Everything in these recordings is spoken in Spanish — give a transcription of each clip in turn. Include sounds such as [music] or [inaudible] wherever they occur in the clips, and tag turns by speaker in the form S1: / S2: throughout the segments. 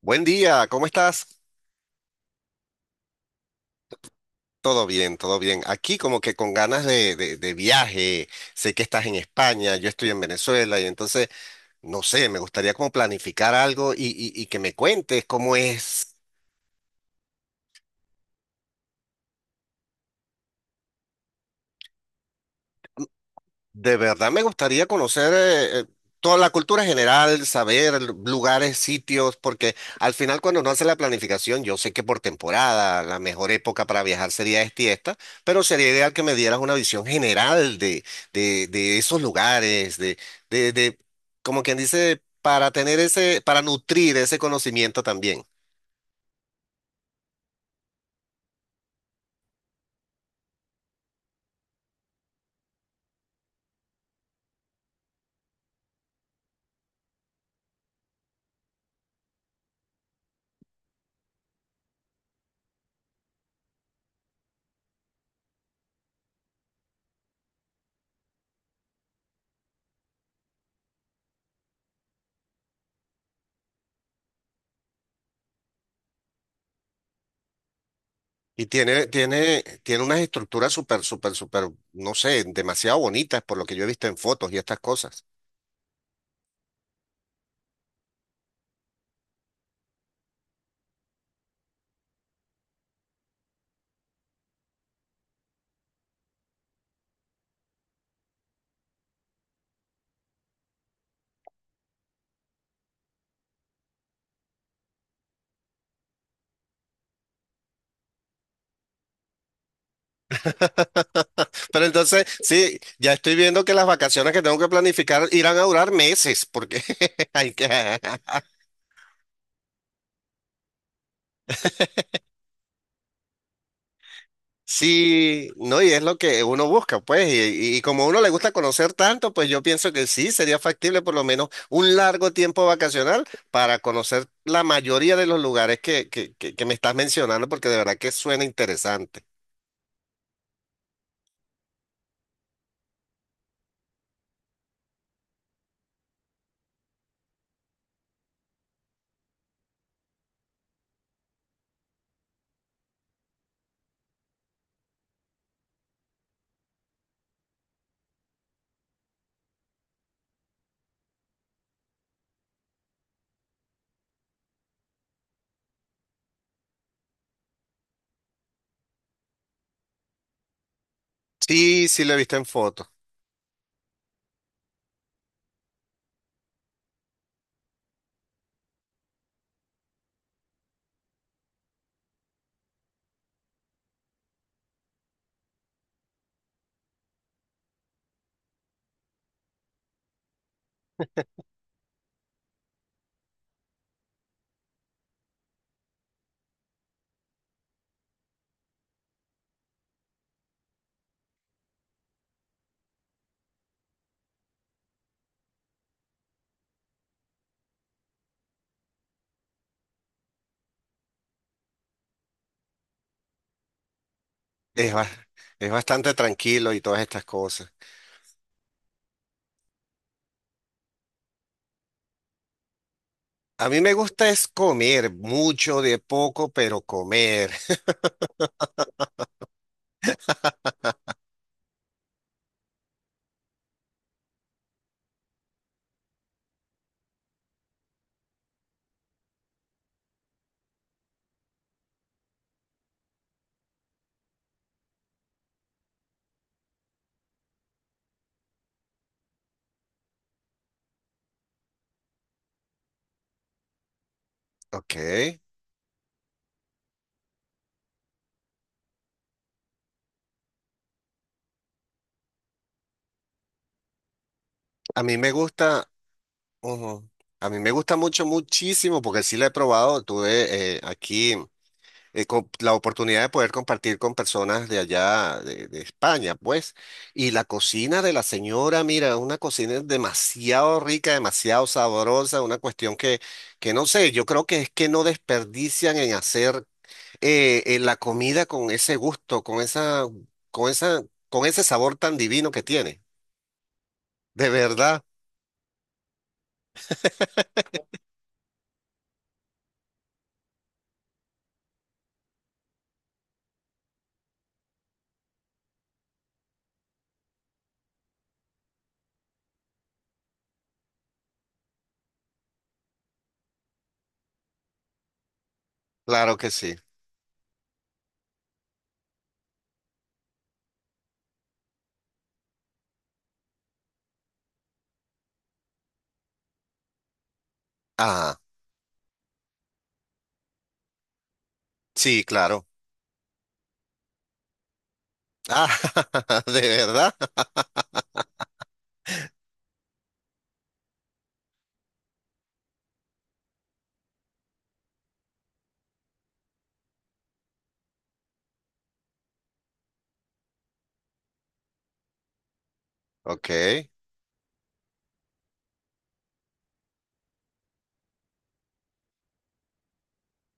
S1: Buen día, ¿cómo estás? Todo bien, todo bien. Aquí como que con ganas de, de viaje. Sé que estás en España, yo estoy en Venezuela y entonces, no sé, me gustaría como planificar algo y, y que me cuentes cómo es. De verdad me gustaría conocer toda la cultura general, saber lugares, sitios, porque al final cuando uno hace la planificación, yo sé que por temporada la mejor época para viajar sería esta y esta, pero sería ideal que me dieras una visión general de esos lugares, de, de, como quien dice, para tener ese, para nutrir ese conocimiento también. Y tiene unas estructuras súper, súper, súper, no sé, demasiado bonitas por lo que yo he visto en fotos y estas cosas. Pero entonces, sí, ya estoy viendo que las vacaciones que tengo que planificar irán a durar meses, porque [laughs] hay que... Sí, no, y es lo que uno busca, pues, y como a uno le gusta conocer tanto, pues yo pienso que sí, sería factible por lo menos un largo tiempo vacacional para conocer la mayoría de los lugares que me estás mencionando, porque de verdad que suena interesante. Sí, sí lo he visto en fotos, es, es bastante tranquilo y todas estas cosas. A mí me gusta es comer mucho de poco, pero comer. [laughs] Ok. A mí me gusta, ujú. A mí me gusta mucho, muchísimo, porque sí la he probado. Tuve aquí la oportunidad de poder compartir con personas de allá, de España, pues. Y la cocina de la señora, mira, una cocina demasiado rica, demasiado sabrosa, una cuestión que no sé, yo creo que es que no desperdician en hacer la comida con ese gusto, con esa, con ese sabor tan divino que tiene. De verdad, claro que sí. Ah, sí, claro. Ah, [laughs] de verdad. Ok.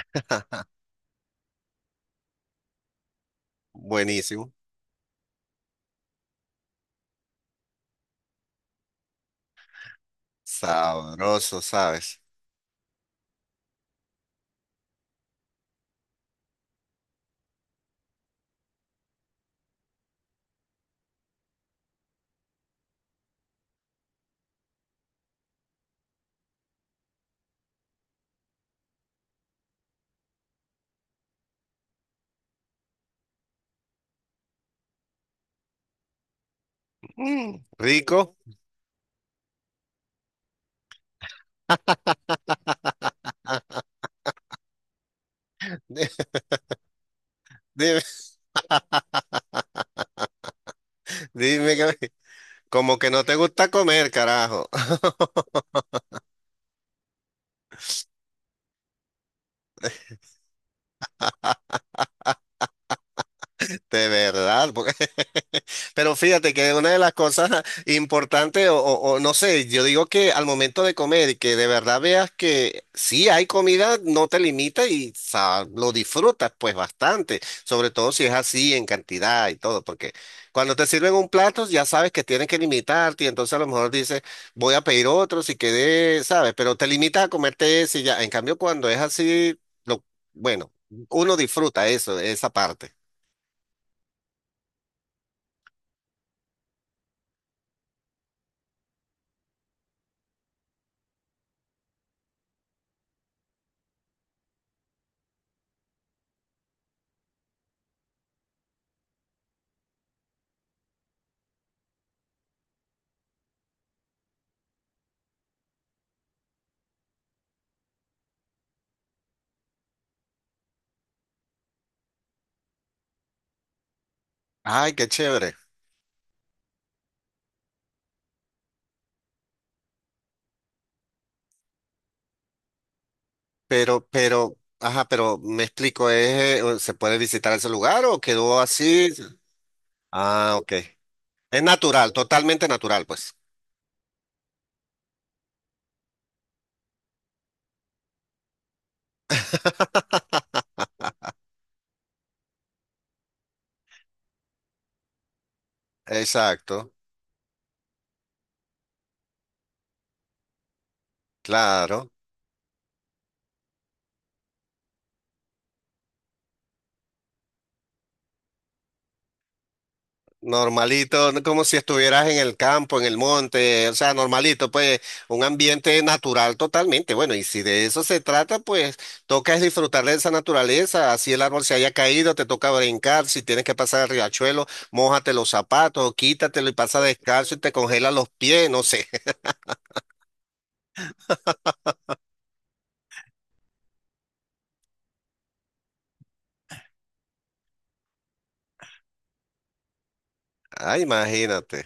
S1: [laughs] Buenísimo. Sabroso, ¿sabes? Mm, rico. [laughs] Dime, dime que como que no te gusta comer, carajo. [laughs] De verdad, porque pero fíjate que una de las cosas [laughs] importantes, o, o no sé, yo digo que al momento de comer y que de verdad veas que sí hay comida, no te limita y lo disfrutas pues bastante, sobre todo si es así en cantidad y todo, porque cuando te sirven un plato ya sabes que tienes que limitarte y entonces a lo mejor dices, voy a pedir otro si quedé, ¿sabes? Pero te limitas a comerte ese y ya. En cambio, cuando es así, lo, bueno, uno disfruta eso, esa parte. Ay, qué chévere. Pero, ajá, pero me explico, ¿es, se puede visitar ese lugar o quedó así? Ah, ok. Es natural, totalmente natural, pues. [laughs] Exacto, claro. Normalito, no como si estuvieras en el campo, en el monte, o sea, normalito, pues un ambiente natural totalmente. Bueno, y si de eso se trata, pues toca es disfrutar de esa naturaleza, así el árbol se haya caído, te toca brincar, si tienes que pasar el riachuelo, mójate los zapatos, quítatelo y pasa descalzo y te congela los pies, no sé. [laughs] Ah, imagínate,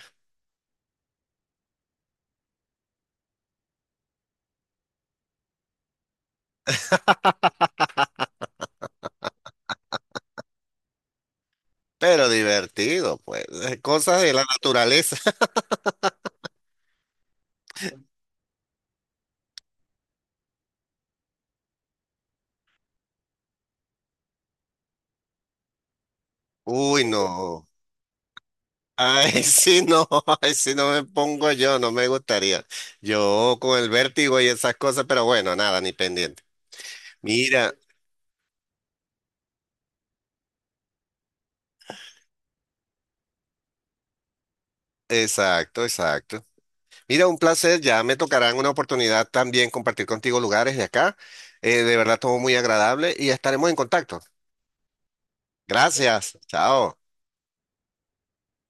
S1: pero divertido, pues, [laughs] cosas de la naturaleza. [laughs] Uy, no. Ay, sí, no, [laughs] ay, sí, no me pongo yo, no me gustaría. Yo con el vértigo y esas cosas, pero bueno, nada, ni pendiente. Mira, exacto, exacto. Mira, un placer, ya me tocarán una oportunidad también compartir contigo lugares de acá. De verdad, todo muy agradable y estaremos en contacto. Gracias, chao.